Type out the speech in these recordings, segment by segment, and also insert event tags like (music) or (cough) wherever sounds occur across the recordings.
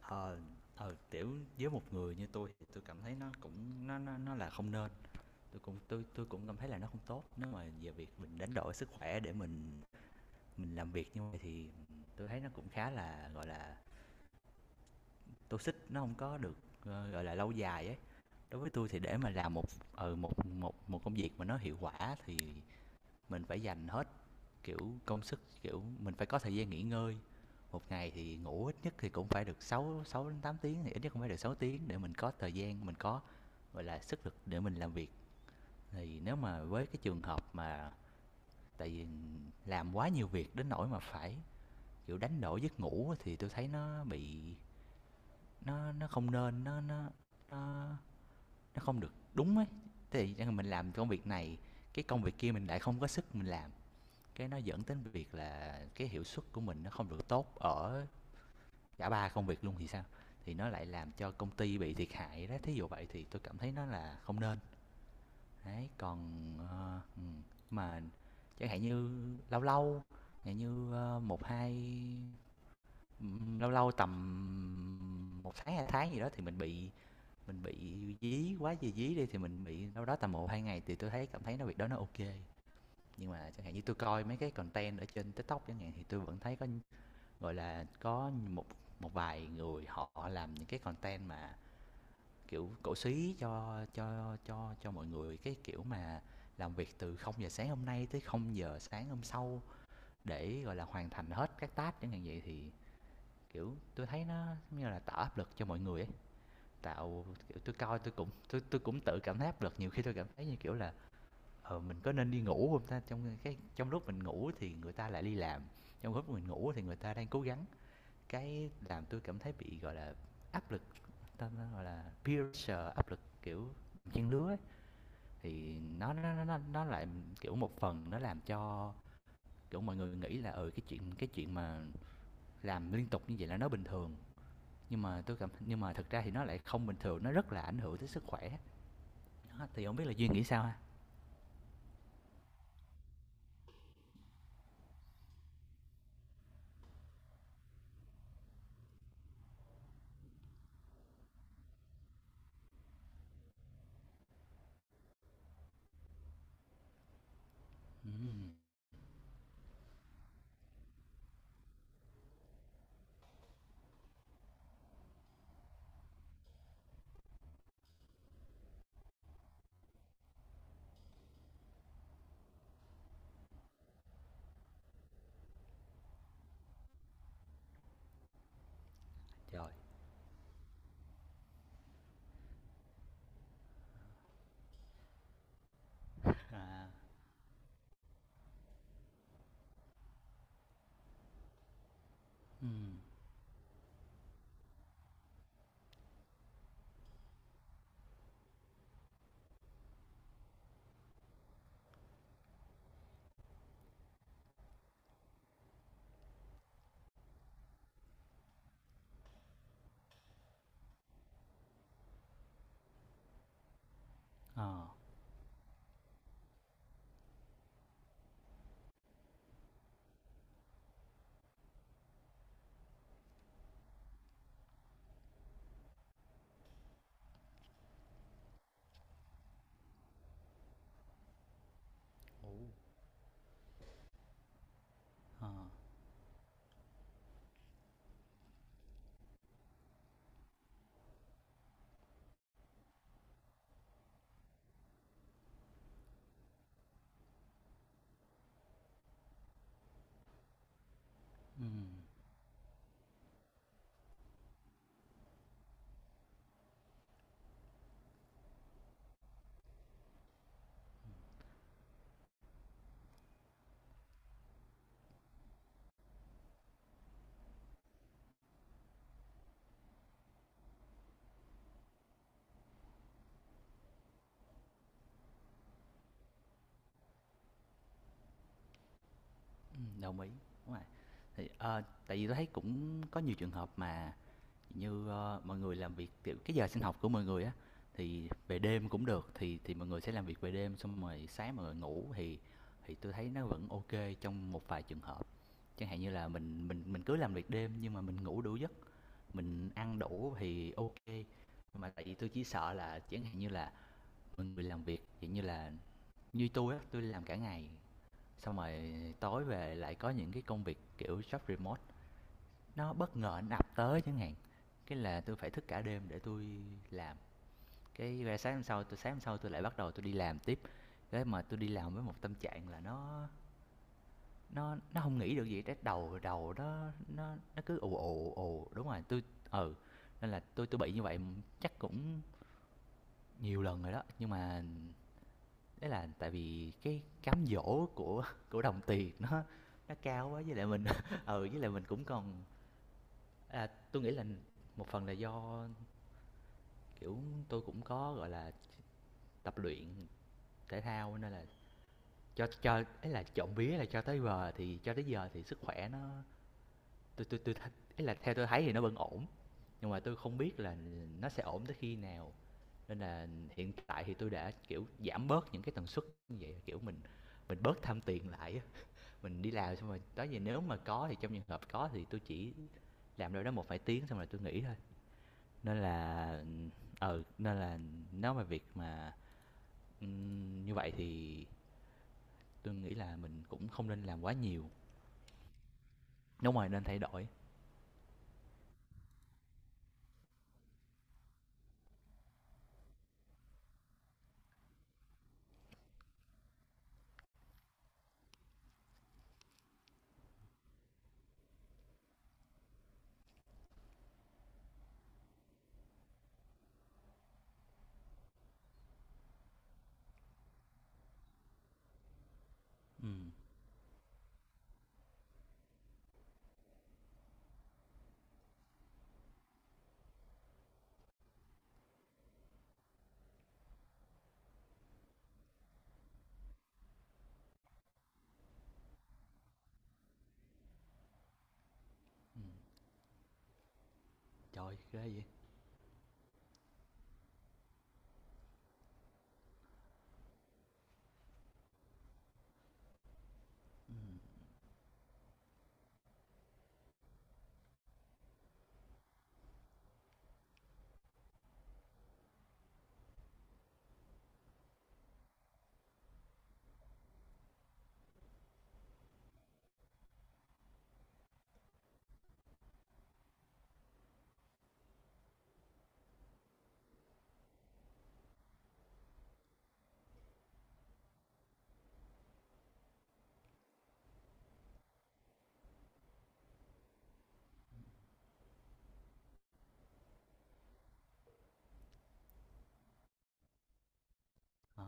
Ờ, kiểu, với một người như tôi thì tôi cảm thấy nó cũng nó là không nên. Tôi cũng cảm thấy là nó không tốt, nếu mà về việc mình đánh đổi sức khỏe để mình làm việc như vậy thì tôi thấy nó cũng khá là, gọi là, toxic, nó không có được, gọi là, lâu dài ấy. Đối với tôi thì để mà làm một ờ một một một công việc mà nó hiệu quả thì mình phải dành hết, kiểu, công sức, kiểu mình phải có thời gian nghỉ ngơi. Một ngày thì ngủ ít nhất thì cũng phải được 6 6 đến 8 tiếng, thì ít nhất cũng phải được 6 tiếng để mình có thời gian, mình có, gọi là, sức lực để mình làm việc. Thì nếu mà với cái trường hợp mà tại vì làm quá nhiều việc đến nỗi mà phải, kiểu, đánh đổi giấc ngủ thì tôi thấy nó bị, nó không nên, nó nó không được đúng ấy. Thì mình làm công việc này, cái công việc kia mình lại không có sức mình làm, cái nó dẫn đến việc là cái hiệu suất của mình nó không được tốt ở cả 3 công việc luôn thì sao? Thì nó lại làm cho công ty bị thiệt hại đó, thí dụ vậy thì tôi cảm thấy nó là không nên. Đấy, còn ừ, mà chẳng hạn như lâu lâu, chẳng như ờ, một hai ừ, lâu lâu tầm 1 tháng 2 tháng gì đó thì mình bị dí quá gì dí đi thì mình bị đâu đó tầm 1 2 ngày thì tôi thấy cảm thấy nó việc đó nó ok. Nhưng mà chẳng hạn như tôi coi mấy cái content ở trên TikTok chẳng hạn thì tôi vẫn thấy có, gọi là, có một, một vài người họ làm những cái content mà kiểu cổ súy cho mọi người cái kiểu mà làm việc từ 0 giờ sáng hôm nay tới 0 giờ sáng hôm sau để, gọi là, hoàn thành hết các task chẳng hạn vậy. Thì kiểu tôi thấy nó giống như là tạo áp lực cho mọi người ấy, tạo kiểu tôi coi, tôi cũng tự cảm thấy áp lực. Nhiều khi tôi cảm thấy như kiểu là, ờ, mình có nên đi ngủ không ta, trong cái, trong lúc mình ngủ thì người ta lại đi làm, trong lúc mình ngủ thì người ta đang cố gắng. Cái làm tôi cảm thấy bị, gọi là, áp lực, ta ta, gọi là, peer pressure, áp lực, kiểu, trang lứa ấy. Thì nó lại, kiểu, một phần nó làm cho, kiểu, mọi người nghĩ là, ừ, cái chuyện, cái chuyện mà làm liên tục như vậy là nó bình thường, nhưng mà thực ra thì nó lại không bình thường, nó rất là ảnh hưởng tới sức khỏe. Đó, thì hổng biết là Duyên nghĩ sao ha? Ừm. Trời. À. Ừm. Ờ. Ồ. Ờ. Ừm. Ừm. Đồng ý, đúng rồi. Thì, tại vì tôi thấy cũng có nhiều trường hợp mà như, ờ, mọi người làm việc kiểu cái giờ sinh học của mọi người á thì về đêm cũng được, thì mọi người sẽ làm việc về đêm xong rồi sáng mọi người ngủ, thì tôi thấy nó vẫn ok trong một vài trường hợp, chẳng hạn như là mình cứ làm việc đêm nhưng mà mình ngủ đủ giấc, mình ăn đủ thì ok. Mà tại vì tôi chỉ sợ là chẳng hạn như là mọi người làm việc dạng như là như tôi á, tôi làm cả ngày xong rồi tối về lại có những cái công việc kiểu job remote, nó bất ngờ nó ập tới chẳng hạn, cái là tôi phải thức cả đêm để tôi làm. Cái ra sáng hôm sau, tôi lại bắt đầu tôi đi làm tiếp. Cái mà tôi đi làm với một tâm trạng là nó, không nghĩ được gì, cái đầu đầu nó cứ ù ù ù. Đúng rồi, tôi, ừ, nên là tôi bị như vậy chắc cũng nhiều lần rồi đó, nhưng mà đấy là tại vì cái cám dỗ của đồng tiền nó cao quá, với lại mình (laughs) ừ với lại mình cũng còn, à, tôi nghĩ là một phần là do, kiểu, tôi cũng có, gọi là, tập luyện thể thao nên là cho ấy là trộm vía là cho tới giờ thì, cho tới giờ thì sức khỏe nó, tôi tôi tôi th- ấy là theo tôi thấy thì nó vẫn ổn, nhưng mà tôi không biết là nó sẽ ổn tới khi nào. Nên là hiện tại thì tôi đã, kiểu, giảm bớt những cái tần suất như vậy, kiểu mình bớt tham tiền lại á. Mình đi làm xong rồi đó giờ nếu mà có thì, trong trường hợp có thì tôi chỉ làm đâu đó một vài tiếng xong rồi tôi nghỉ thôi. Nên là, ờ, nên là nói về việc mà, ừm, như vậy thì tôi nghĩ là mình cũng không nên làm quá nhiều. Đúng rồi, nên thay đổi. Ừm. Trời ơi, ghê vậy. Ờ.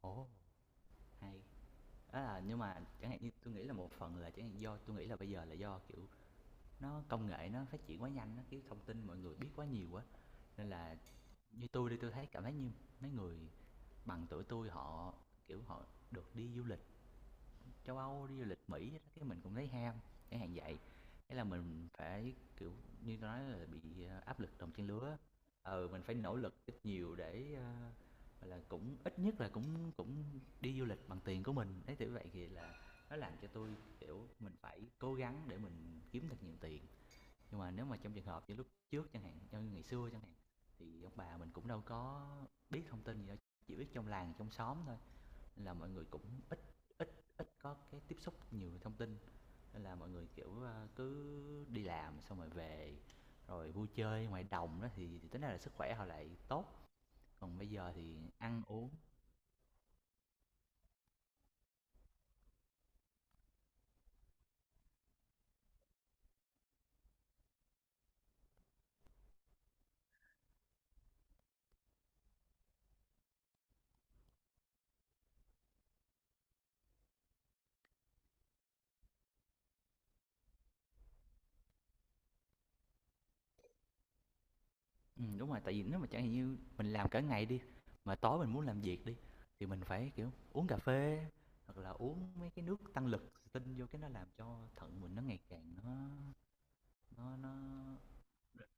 Ồ. Hay. Đó là, nhưng mà chẳng hạn như tôi nghĩ là một phần là chẳng hạn do tôi nghĩ là bây giờ là do, kiểu, nó công nghệ nó phát triển quá nhanh á, kiểu thông tin mọi người biết quá nhiều quá. Nên là như tôi đi, tôi thấy cảm thấy như mấy người bằng tuổi tôi họ, kiểu, họ được đi du lịch châu Âu, đi du lịch Mỹ, cái mình cũng thấy ham, cái hàng vậy. Thế là mình phải, kiểu, như tôi nói là bị, ờ, áp lực đồng trang lứa. Ừ, mình phải nỗ lực ít nhiều để, ơ, gọi là, cũng ít nhất là cũng, cũng đi du lịch bằng tiền của mình, đấy, kiểu vậy. Thì là nó làm cho tôi, kiểu, mình phải cố gắng để mình kiếm thật nhiều tiền. Nhưng mà nếu mà trong trường hợp như lúc trước chẳng hạn, như ngày xưa chẳng hạn, thì ông bà mình cũng đâu có biết thông tin gì đâu, chỉ biết trong làng, trong xóm thôi, là mọi người cũng ít, ít ít có cái tiếp xúc nhiều thông tin. Nên là mọi người kiểu, à, cứ đi làm xong rồi về, rồi vui chơi ngoài đồng đó thì tính ra là sức khỏe họ lại tốt. Còn bây giờ thì ăn uống, ừ, đúng rồi, tại vì nếu mà chẳng hạn như mình làm cả ngày đi mà tối mình muốn làm việc đi thì mình phải kiểu uống cà phê hoặc là uống mấy cái nước tăng lực tinh vô, cái nó làm cho thận mình nó ngày càng nó, nó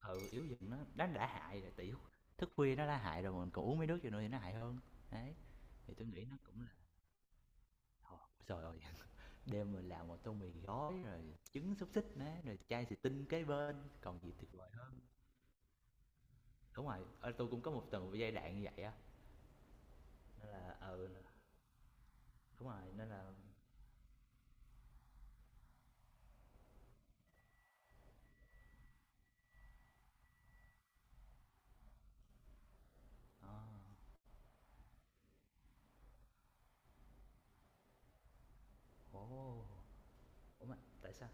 ừ, yếu dùm. Nó, đã hại rồi tiểu, thức khuya nó đã hại rồi mà mình còn uống mấy nước vô nữa thì nó hại hơn. Đấy, thì tôi nghĩ nó cũng là thôi, trời ơi, (laughs) đêm mình làm một tô mì gói rồi trứng xúc xích nè, rồi chai xì tinh kế bên, còn gì tuyệt vời hơn. Đúng rồi, ơ, tui cũng có một từng giai đoạn như vậy á, nên là, ừ, đúng rồi, nên là, ờ, ồ, ủa mà tại sao,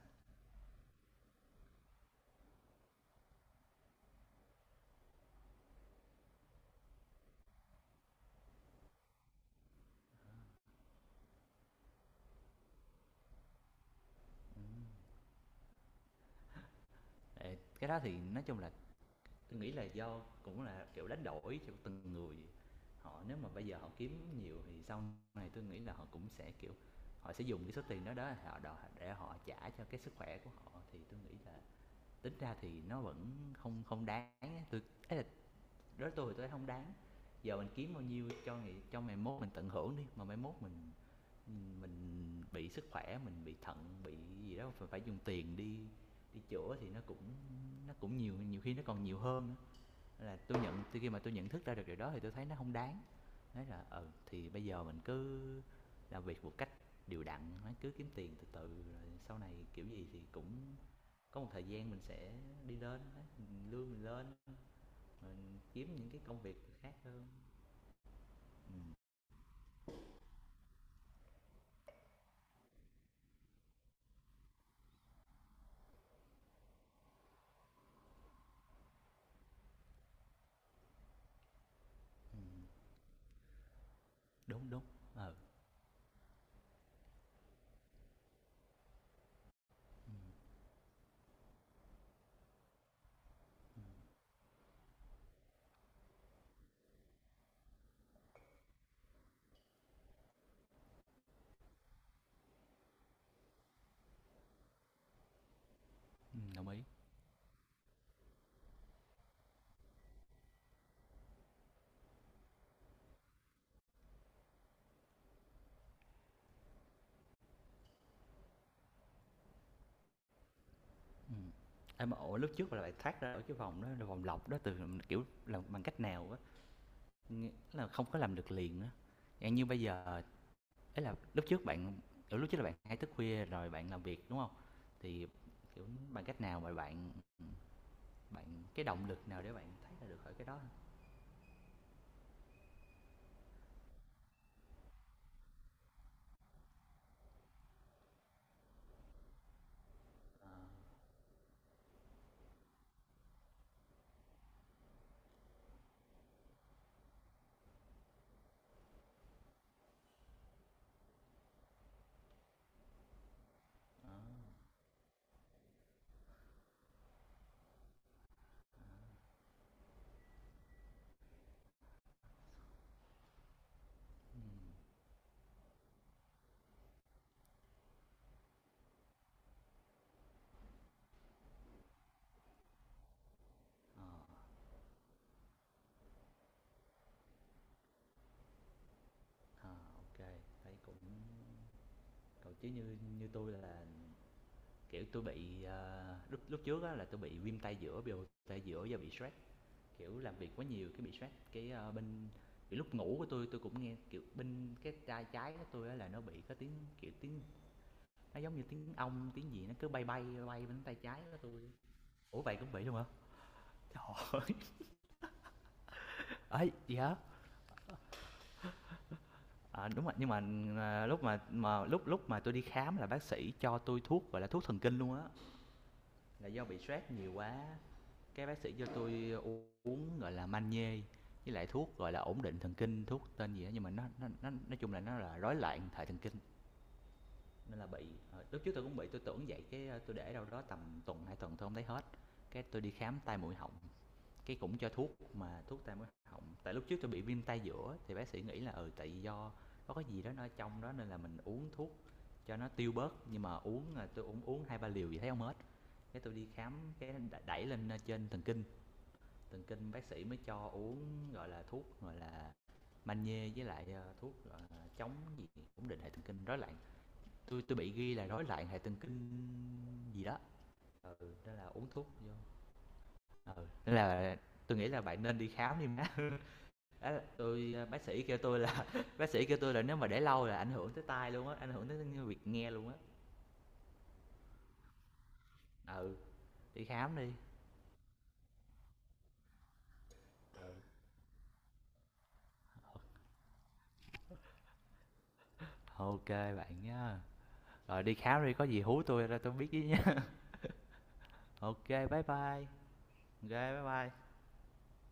ừm, ờ, cái đó thì nói chung là, tôi nghĩ là do cũng là, kiểu, đánh đổi cho từng người. Họ nếu mà bây giờ họ kiếm nhiều thì sau này tôi nghĩ là họ cũng sẽ, kiểu, họ sẽ dùng cái số tiền đó đó, họ đòi để họ trả cho cái sức khỏe của họ, thì tôi nghĩ là tính ra thì nó vẫn không, không đáng. Tôi, ấy là tôi thì tôi thấy hông đáng. Giờ mình kiếm bao nhiêu cho ngày, cho ngày mốt mình tận hưởng đi, mà mai mốt mình bị sức khỏe, mình bị thận, bị gì đó, phải phải dùng tiền đi đi chữa thì nó cũng, nó cũng nhiều, nhiều khi nó còn nhiều hơn nữa. Là tôi nhận, từ khi mà tôi nhận thức ra được điều đó thì tôi thấy nó không đáng. Nói là, ừ thì bây giờ mình cứ làm việc một cách điều đặn, nó cứ kiếm tiền từ từ rồi sau này kiểu gì thì cũng có một thời gian mình sẽ đi lên, mình lương mình lên, mình kiếm những cái công việc khác hơn. Đúng đúng. Ờ. Ừ, đồng ý. Ừ. Em ổ lúc trước là bạn thoát ra ở cái vòng đó, là vòng lọc đó, từ, kiểu, làm bằng cách nào á, nghĩa là không có làm được liền á. Dạng như bây giờ, ấy là lúc trước bạn, kiểu, lúc trước là bạn hay thức khuya rồi bạn làm việc, đúng không? Thì, kiểu, bằng cách nào mà bạn, bạn cái động lực nào để bạn thấy ra được khỏi cái đó ha? Ờ. Ờ. Ừm. Ờ. Ờ. Thấy cũng còn, chứ như như tôi là, kiểu, tôi bị, ờ, lúc lúc trước á là tôi bị viêm tay giữa, biểu tay giữa do bị stress, kiểu, làm việc quá nhiều cái bị stress. Cái, ơ, bên, kiểu, lúc ngủ của tôi cũng nghe, kiểu, bên cái tai trái của tôi á là nó bị có tiếng, kiểu, tiếng, nó giống như tiếng ong, tiếng gì nó cứ bay bay, bay bên tay trái của tôi. Ủa vậy cũng bị luôn hả? Trời ơi, gì hả? Ờ, đúng rồi, nhưng mà, à, lúc mà lúc lúc mà tôi đi khám là bác sĩ cho tôi thuốc gọi là thuốc thần kinh luôn á. Là do bị stress nhiều quá. Cái bác sĩ cho tôi uống, gọi là, magie, với lại thuốc gọi là ổn định thần kinh, thuốc tên gì đó, nhưng mà nó nói chung là nó là rối loạn hệ thần kinh nên là bị. Ờ, lúc trước tôi cũng bị, tôi tưởng vậy, cái, ờ, tôi để đâu đó tầm tuần 2 tuần tôi không thấy hết, cái tôi đi khám tai mũi họng, cái cũng cho thuốc mà thuốc tam cái họng, tại lúc trước tôi bị viêm tay giữa thì bác sĩ nghĩ là ừ tại do có cái gì đó nó trong đó nên là mình uống thuốc cho nó tiêu bớt. Nhưng mà uống, à, tôi uống, 2 3 liều gì thấy không hết, cái tôi đi khám, cái đẩy lên trên thần kinh, thần kinh bác sĩ mới cho uống, gọi là thuốc gọi là magie với lại, ờ, thuốc gọi là chống gì, ổn định hệ thần kinh rối loạn. Tôi, bị ghi là rối loạn hệ thần kinh gì đó, ừ, đó là uống thuốc vô. Ừ, nên là tôi nghĩ là bạn nên đi khám đi má. Á, tôi, à, bác sĩ kêu tôi là (laughs) bác sĩ kêu tôi là nếu mà để lâu là ảnh hưởng tới tai luôn á, ảnh hưởng tới việc nghe luôn á. Ừ, đi khám đi. Ok bạn nhá. Rồi đi khám đi, có gì hú tôi ra tôi biết với nhá. Ok bye bye. Ok bye bye.